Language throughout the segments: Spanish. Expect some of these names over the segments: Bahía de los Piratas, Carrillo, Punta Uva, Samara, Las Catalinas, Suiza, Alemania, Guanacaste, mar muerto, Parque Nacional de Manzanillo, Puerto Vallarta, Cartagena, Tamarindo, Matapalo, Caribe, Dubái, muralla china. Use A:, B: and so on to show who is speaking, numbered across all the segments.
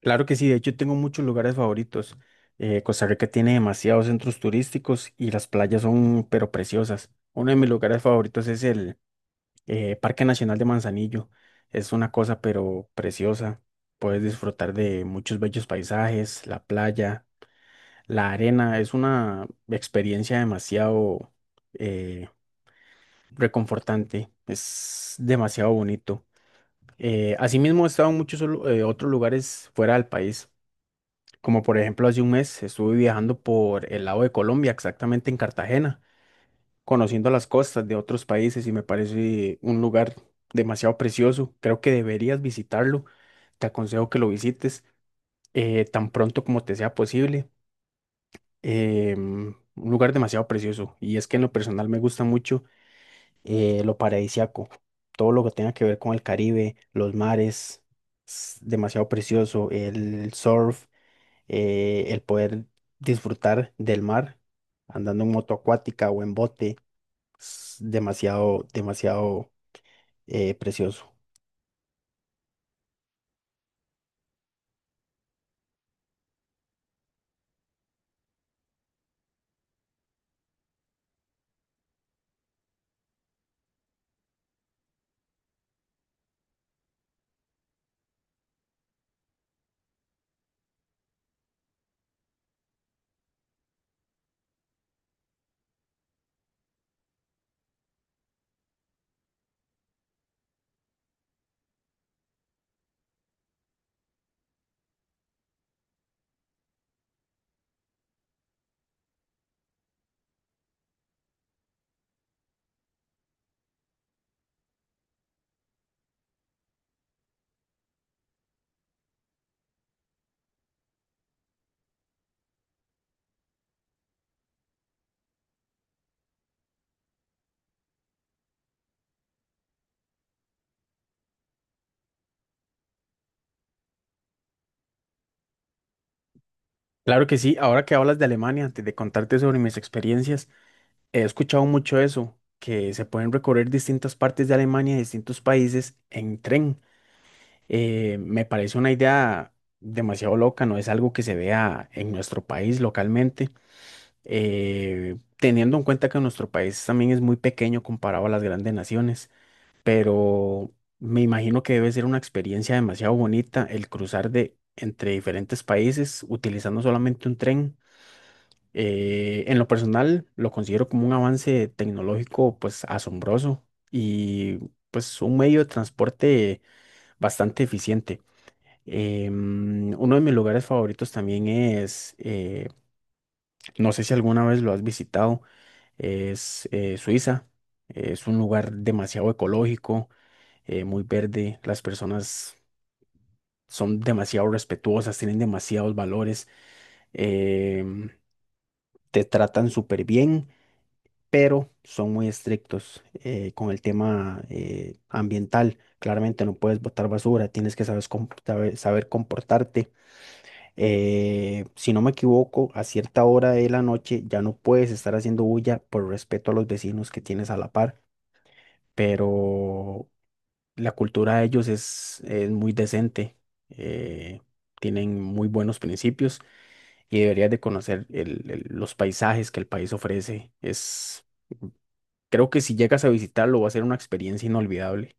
A: Claro que sí, de hecho tengo muchos lugares favoritos. Costa Rica tiene demasiados centros turísticos y las playas son pero preciosas. Uno de mis lugares favoritos es el Parque Nacional de Manzanillo. Es una cosa pero preciosa. Puedes disfrutar de muchos bellos paisajes, la playa, la arena. Es una experiencia demasiado eh, reconfortante. Es demasiado bonito. Asimismo, he estado en muchos otros lugares fuera del país. Como por ejemplo, hace un mes estuve viajando por el lado de Colombia, exactamente en Cartagena, conociendo las costas de otros países y me parece un lugar demasiado precioso. Creo que deberías visitarlo. Te aconsejo que lo visites tan pronto como te sea posible. Un lugar demasiado precioso. Y es que en lo personal me gusta mucho lo paradisíaco, todo lo que tenga que ver con el Caribe, los mares, es demasiado precioso, el surf, el poder disfrutar del mar andando en moto acuática o en bote es demasiado, demasiado precioso. Claro que sí, ahora que hablas de Alemania, antes de contarte sobre mis experiencias, he escuchado mucho eso, que se pueden recorrer distintas partes de Alemania, distintos países en tren. Me parece una idea demasiado loca, no es algo que se vea en nuestro país localmente. Teniendo en cuenta que nuestro país también es muy pequeño comparado a las grandes naciones, pero me imagino que debe ser una experiencia demasiado bonita el cruzar de entre diferentes países utilizando solamente un tren. En lo personal, lo considero como un avance tecnológico pues asombroso y pues un medio de transporte bastante eficiente. Uno de mis lugares favoritos también es, no sé si alguna vez lo has visitado, es Suiza. Es un lugar demasiado ecológico, muy verde, las personas son demasiado respetuosas, tienen demasiados valores, em, te tratan súper bien, pero son muy estrictos con el tema ambiental. Claramente no puedes botar basura, tienes que saber comportarte. Si no me equivoco, a cierta hora de la noche ya no puedes estar haciendo bulla por respeto a los vecinos que tienes a la par, pero la cultura de ellos es muy decente, eh, tienen muy buenos principios y deberías de conocer los paisajes que el país ofrece. Es, creo que si llegas a visitarlo va a ser una experiencia inolvidable.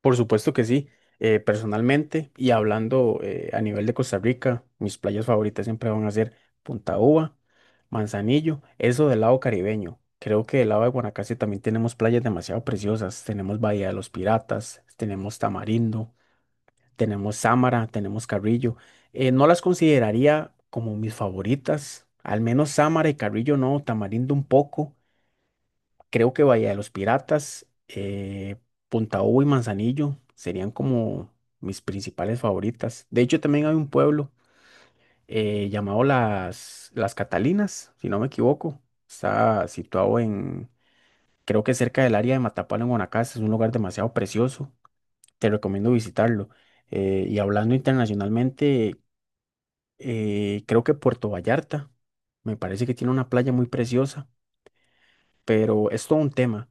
A: Por supuesto que sí, personalmente y hablando a nivel de Costa Rica, mis playas favoritas siempre van a ser Punta Uva, Manzanillo, eso del lado caribeño. Creo que del lado de Guanacaste también tenemos playas demasiado preciosas. Tenemos Bahía de los Piratas, tenemos Tamarindo, tenemos Samara, tenemos Carrillo. No las consideraría como mis favoritas, al menos Samara y Carrillo no, Tamarindo un poco. Creo que Bahía de los Piratas, Punta Ubo y Manzanillo serían como mis principales favoritas. De hecho, también hay un pueblo llamado Las Catalinas, si no me equivoco. Está situado en, creo que cerca del área de Matapalo, en Guanacaste. Es un lugar demasiado precioso. Te recomiendo visitarlo. Y hablando internacionalmente, creo que Puerto Vallarta. Me parece que tiene una playa muy preciosa, pero es todo un tema.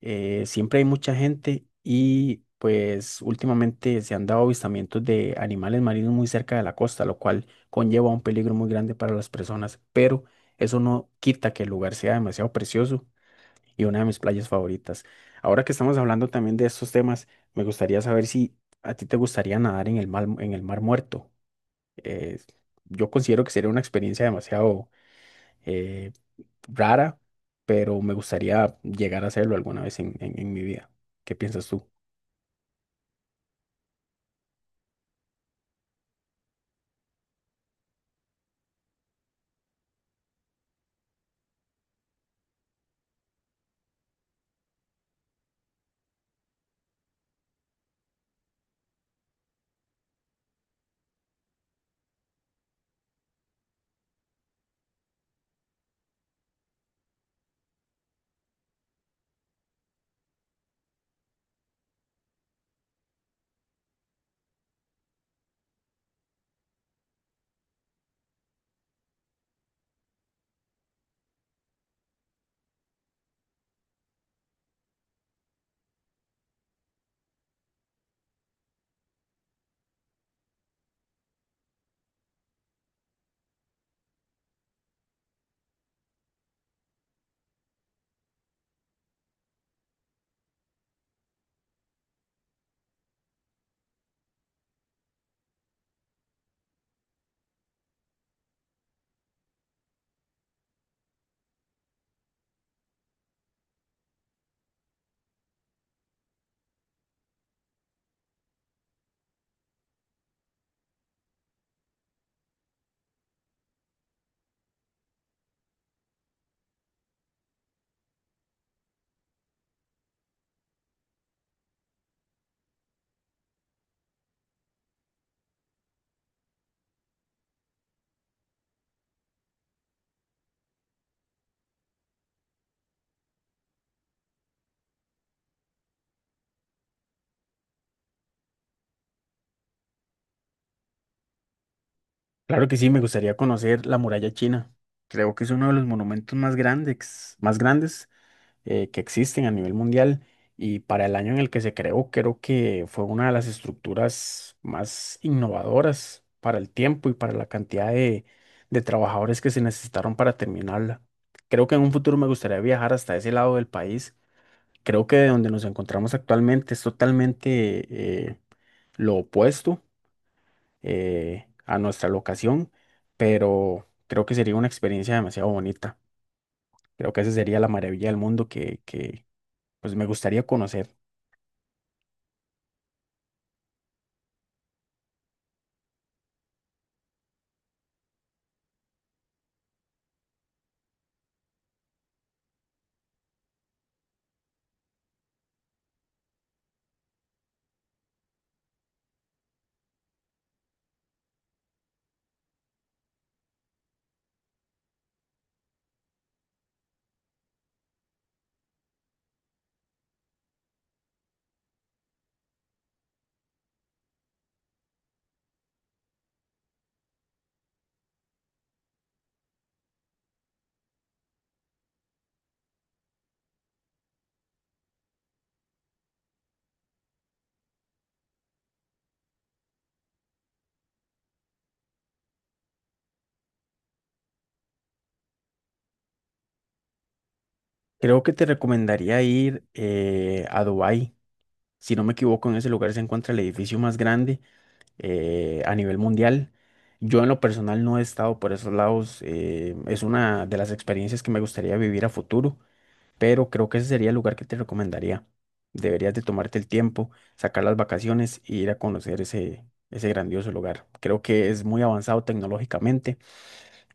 A: Siempre hay mucha gente y pues últimamente se han dado avistamientos de animales marinos muy cerca de la costa, lo cual conlleva un peligro muy grande para las personas, pero eso no quita que el lugar sea demasiado precioso y una de mis playas favoritas. Ahora que estamos hablando también de estos temas, me gustaría saber si a ti te gustaría nadar en el mar muerto eh, yo considero que sería una experiencia demasiado eh, rara, pero me gustaría llegar a hacerlo alguna vez en mi vida. ¿Qué piensas tú? Claro que sí, me gustaría conocer la muralla china. Creo que es uno de los monumentos más grandes, más grandes que existen a nivel mundial y para el año en el que se creó, creo que fue una de las estructuras más innovadoras para el tiempo y para la cantidad de trabajadores que se necesitaron para terminarla. Creo que en un futuro me gustaría viajar hasta ese lado del país. Creo que de donde nos encontramos actualmente es totalmente lo opuesto a nuestra locación, pero creo que sería una experiencia demasiado bonita. Creo que esa sería la maravilla del mundo que, pues me gustaría conocer. Creo que te recomendaría ir a Dubái. Si no me equivoco, en ese lugar se encuentra el edificio más grande a nivel mundial. Yo en lo personal no he estado por esos lados. Es una de las experiencias que me gustaría vivir a futuro, pero creo que ese sería el lugar que te recomendaría. Deberías de tomarte el tiempo, sacar las vacaciones e ir a conocer ese, ese grandioso lugar. Creo que es muy avanzado tecnológicamente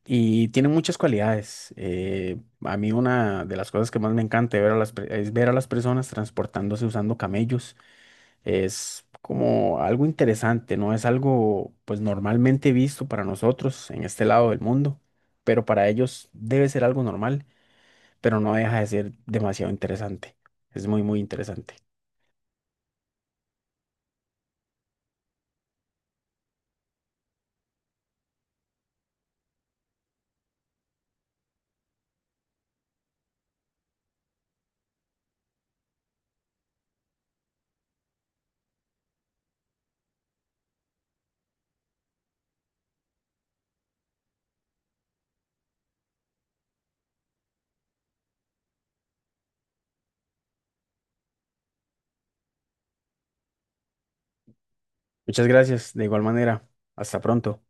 A: y tiene muchas cualidades. A mí una de las cosas que más me encanta ver a es ver a las personas transportándose usando camellos. Es como algo interesante, no es algo pues normalmente visto para nosotros en este lado del mundo, pero para ellos debe ser algo normal, pero no deja de ser demasiado interesante. Es muy, muy interesante. Muchas gracias, de igual manera. Hasta pronto.